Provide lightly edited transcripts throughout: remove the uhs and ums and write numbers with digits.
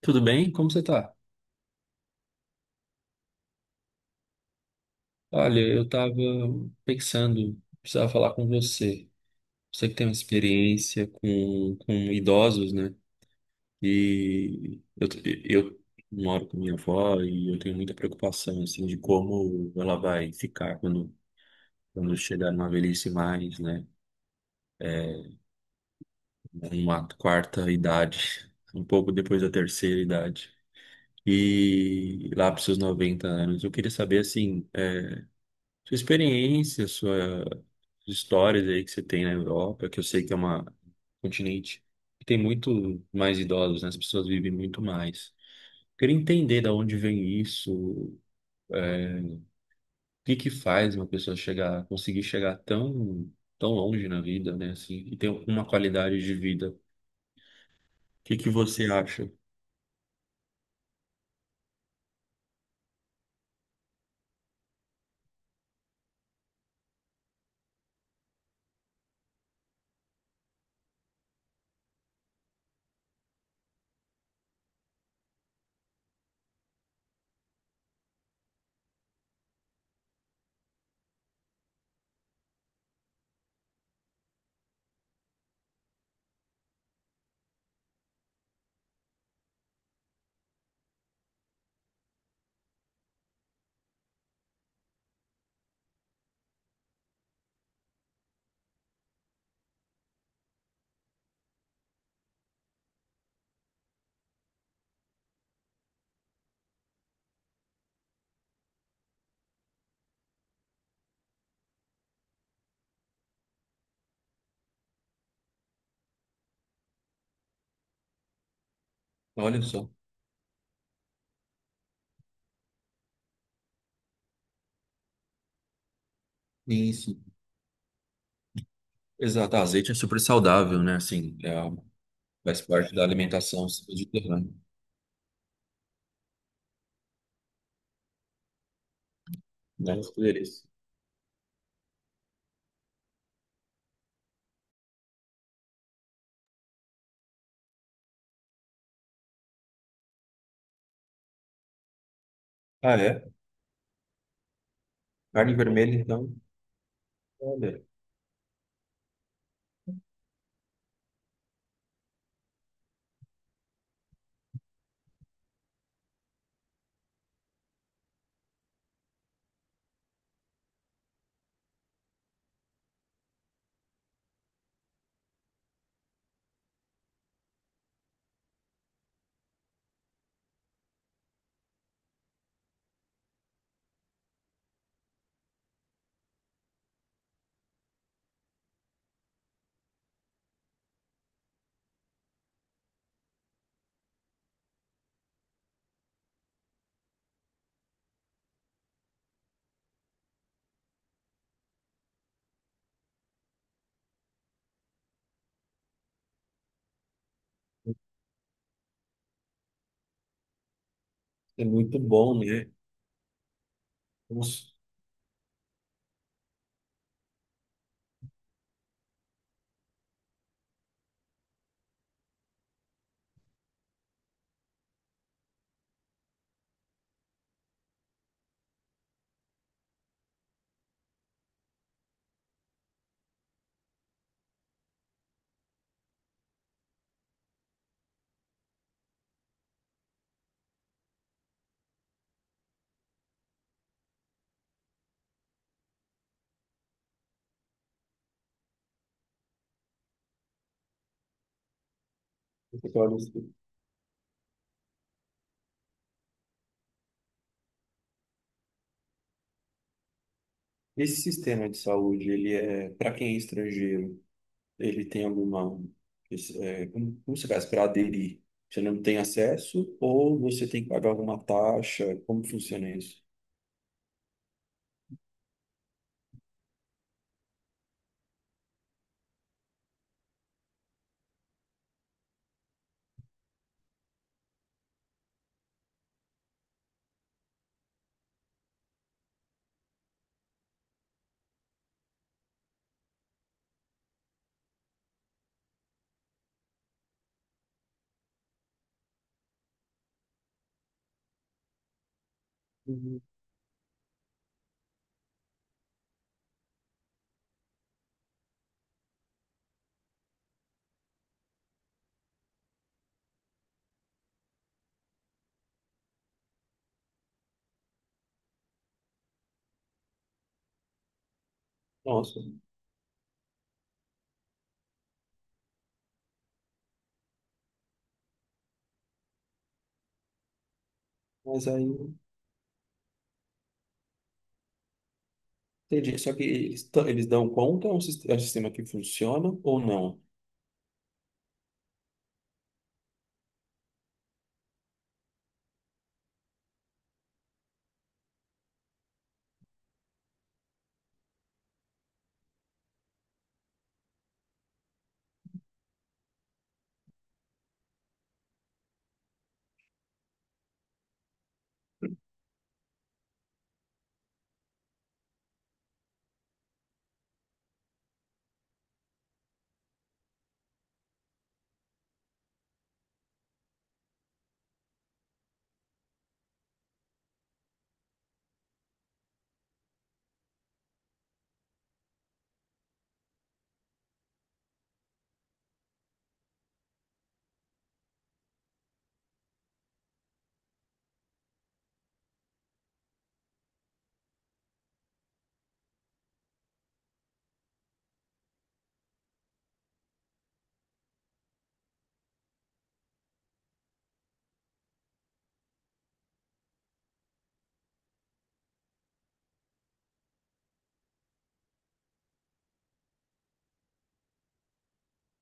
Tudo bem? Como você tá? Olha, eu tava pensando, precisava falar com você. Você que tem uma experiência com idosos, né? E eu, eu moro com minha avó e eu tenho muita preocupação, assim, de como ela vai ficar quando chegar numa velhice mais, né? Uma quarta idade, um pouco depois da terceira idade. E lá para os seus 90 anos, eu queria saber, assim, sua experiência, suas histórias aí que você tem na Europa, que eu sei que é uma um continente que tem muito mais idosos, né? As pessoas vivem muito mais. Queria entender da onde vem isso, o que que faz uma pessoa chegar, conseguir chegar tão longe na vida, né? Assim, e ter uma qualidade de vida. O que que você acha? Olha só. Isso. Exato. Ah, azeite é super saudável, né? Assim, é, faz parte da alimentação mediterrânea, né? Poderia ser. Ah, é? Carne vermelha, então. Olha, é muito bom, né? Nossa, porque olha, esse sistema de saúde, ele é para quem é estrangeiro, ele tem alguma, é, como você faz para aderir? Você não tem acesso ou você tem que pagar alguma taxa? Como funciona isso? Uhum. Nossa, mas aí entendi. Só que eles, eles dão conta, é um é um sistema que funciona ou não?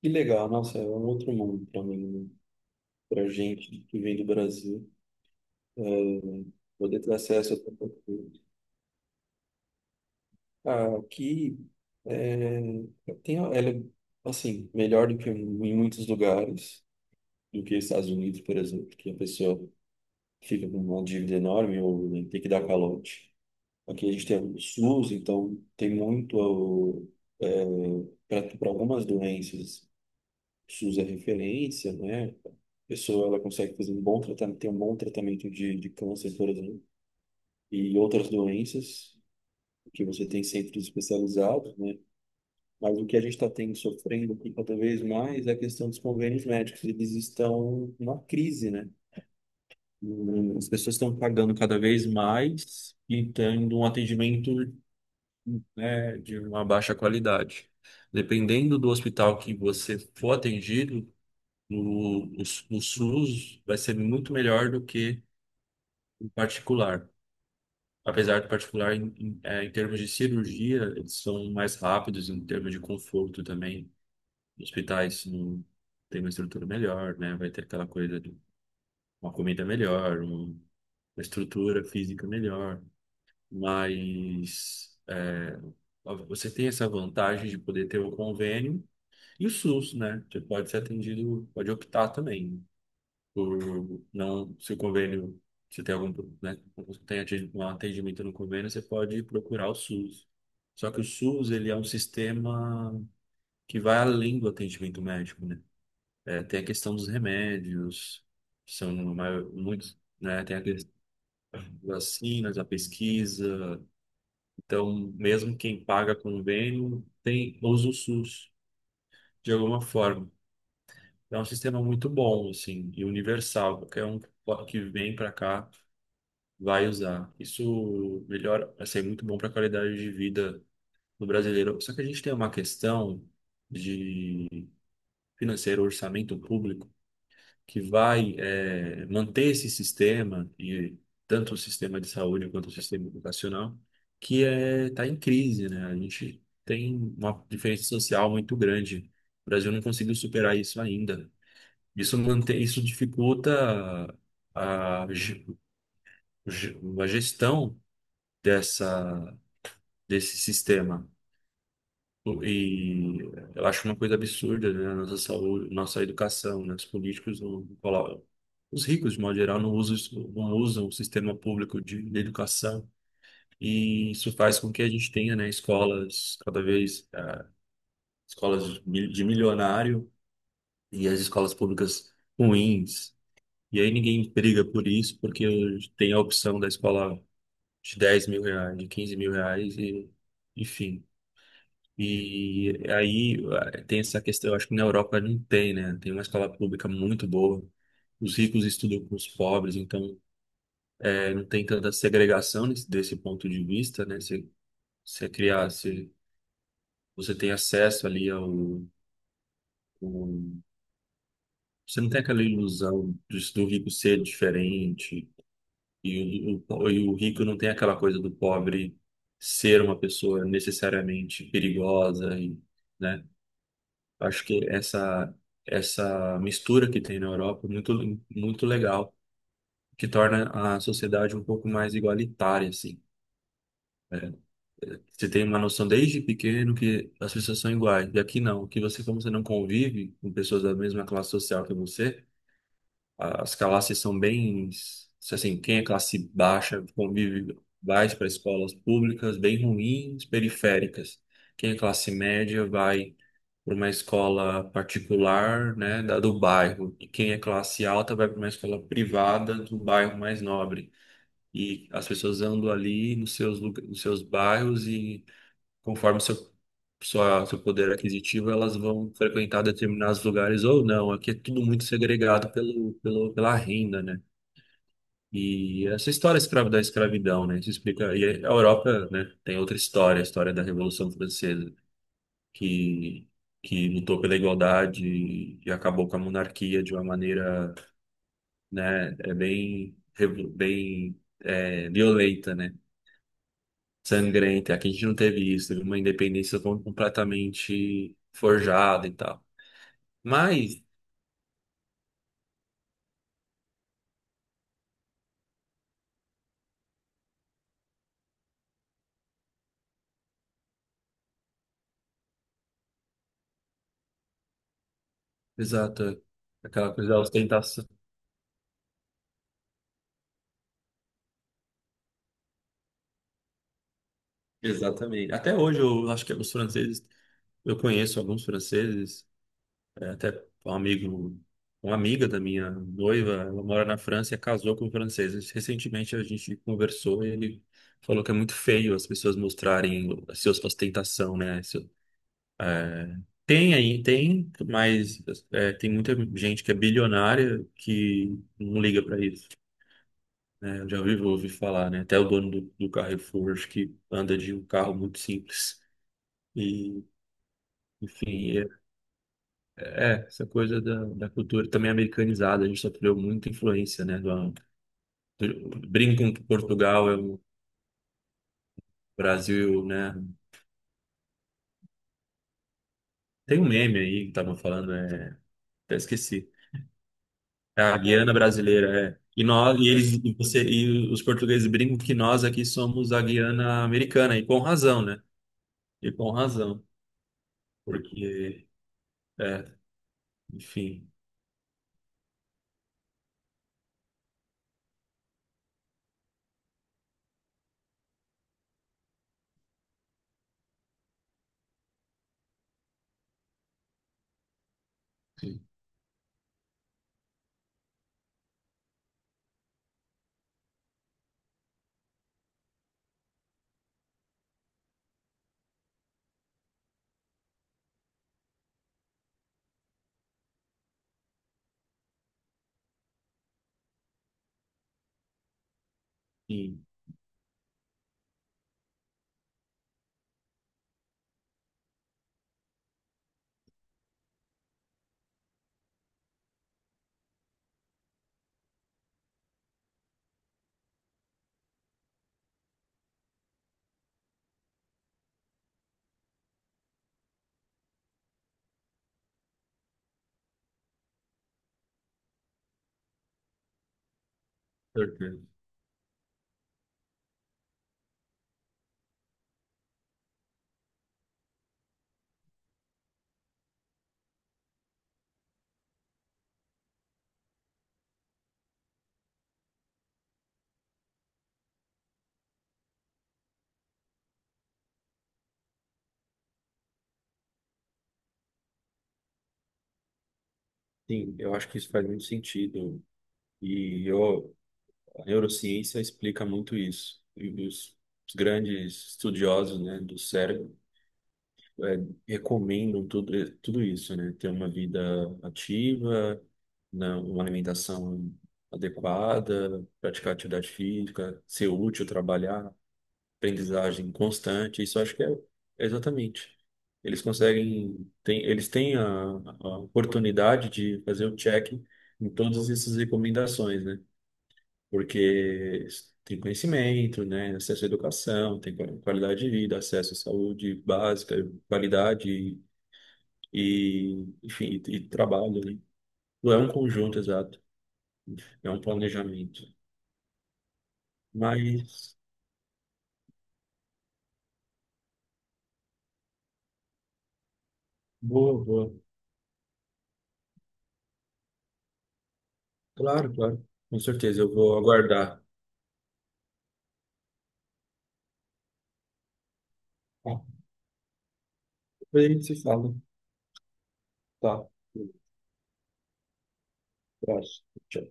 Que legal, nossa, é um outro mundo para mim, para gente que vem do Brasil, né? Poder ter acesso a tanta coisa. Ah, aqui é, tem, ela é, assim, melhor do que em muitos lugares, do que Estados Unidos, por exemplo, que a pessoa fica com uma dívida enorme ou né, tem que dar calote. Aqui a gente tem o SUS, então tem muito, para algumas doenças, o SUS é referência, né? A pessoa ela consegue fazer um bom tratamento, tem um bom tratamento de câncer, por exemplo, e outras doenças, que você tem centros especializados, né? Mas o que a gente está tendo sofrendo aqui cada vez mais é a questão dos convênios médicos. Eles estão numa crise, né? As pessoas estão pagando cada vez mais e tendo um atendimento, né, de uma baixa qualidade. Dependendo do hospital que você for atendido, o SUS vai ser muito melhor do que o particular. Apesar do particular, em termos de cirurgia, eles são mais rápidos, em termos de conforto também hospitais não tem uma estrutura melhor, né? Vai ter aquela coisa de uma comida melhor, uma estrutura física melhor, mas é, você tem essa vantagem de poder ter um convênio e o SUS, né? Você pode ser atendido, pode optar também por não, se o convênio, se tem algum, né, se tem um atendimento no convênio, você pode procurar o SUS. Só que o SUS, ele é um sistema que vai além do atendimento médico, né? É, tem a questão dos remédios, que são muitos, né? Tem a questão das vacinas, a pesquisa. Então, mesmo quem paga convênio tem, usa o SUS de alguma forma. É um sistema muito bom, assim, e universal. Qualquer um que vem para cá vai usar. Isso melhora, assim, é muito bom para a qualidade de vida do brasileiro. Só que a gente tem uma questão de financeiro, orçamento público que vai manter esse sistema, e tanto o sistema de saúde quanto o sistema educacional, que está em crise, né? A gente tem uma diferença social muito grande. O Brasil não conseguiu superar isso ainda. Isso mantém, isso dificulta a, a gestão dessa, desse sistema. E eu acho uma coisa absurda, né? A nossa saúde, nossa educação, né? Os políticos não colocam, os ricos, de modo geral, não usam o sistema público de educação. E isso faz com que a gente tenha, né, escolas cada vez, eh, escolas de milionário e as escolas públicas ruins. E aí ninguém briga por isso, porque tem a opção da escola de 10 mil reais, de 15 mil reais, e, enfim. E aí tem essa questão, eu acho que na Europa não tem, né? Tem uma escola pública muito boa. Os ricos estudam com os pobres, então não tem tanta segregação desse ponto de vista, né? Você, você criar, você, você tem acesso ali ao, ao- você não tem aquela ilusão do rico ser diferente e e o rico não tem aquela coisa do pobre ser uma pessoa necessariamente perigosa, e, né? Acho que essa mistura que tem na Europa é muito legal, que torna a sociedade um pouco mais igualitária assim. Você tem uma noção desde pequeno que as pessoas são iguais. E aqui não, que você como você não convive com pessoas da mesma classe social que você. As classes são bem, assim, quem é classe baixa convive vai para escolas públicas bem ruins, periféricas. Quem é classe média vai para uma escola particular, né, da do bairro. E quem é classe alta vai para uma escola privada do bairro mais nobre. E as pessoas andam ali nos seus, nos seus bairros e conforme seu, sua, seu poder aquisitivo, elas vão frequentar determinados lugares ou não. Aqui é tudo muito segregado pela renda, né? E essa história escrava da escravidão, né? Isso explica. E a Europa, né, tem outra história, a história da Revolução Francesa, que, que lutou pela igualdade e acabou com a monarquia de uma maneira, né, é bem, bem é, violenta, né? Sangrenta. Aqui a gente não teve isso, teve uma independência completamente forjada e tal. Mas, exato, é. Aquela coisa da ostentação. Exatamente. Até hoje eu acho que os franceses, eu conheço alguns franceses, é, até um amigo, uma amiga da minha noiva, ela mora na França e casou com franceses. Recentemente a gente conversou e ele falou que é muito feio as pessoas mostrarem a sua ostentação, né? É, tem aí, tem, mas é, tem muita gente que é bilionária que não liga para isso. Né? Eu já ouvi, ouvi falar, né? Até o dono do Carrefour, acho que anda de um carro muito simples. E, enfim, essa coisa da cultura também americanizada. A gente sofreu muita influência, né? Do, brincam que Portugal é o Brasil, né? Tem um meme aí que tava falando, é, até esqueci. É a Guiana brasileira, é. E nós, e eles, e você, e os portugueses brincam que nós aqui somos a Guiana americana, e com razão, né? E com razão, porque, é, enfim, enfim, certeza. Sim, eu acho que isso faz muito sentido. E eu, a neurociência explica muito isso. E os grandes estudiosos, né, do cérebro é, recomendam tudo, é, tudo isso, né? Ter uma vida ativa, né? Uma alimentação adequada, praticar atividade física, ser útil, trabalhar, aprendizagem constante. Isso eu acho que é exatamente. Eles conseguem, tem, eles têm a oportunidade de fazer o check em todas essas recomendações, né? Porque tem conhecimento, né? Acesso à educação, tem qualidade de vida, acesso à saúde básica, qualidade e, enfim, e trabalho, né? Não é um conjunto exato, é um planejamento. Mas, boa, boa. Claro, claro. Com certeza, eu vou aguardar. Tá. Depois a gente se fala. Tá. Abraço. Tchau.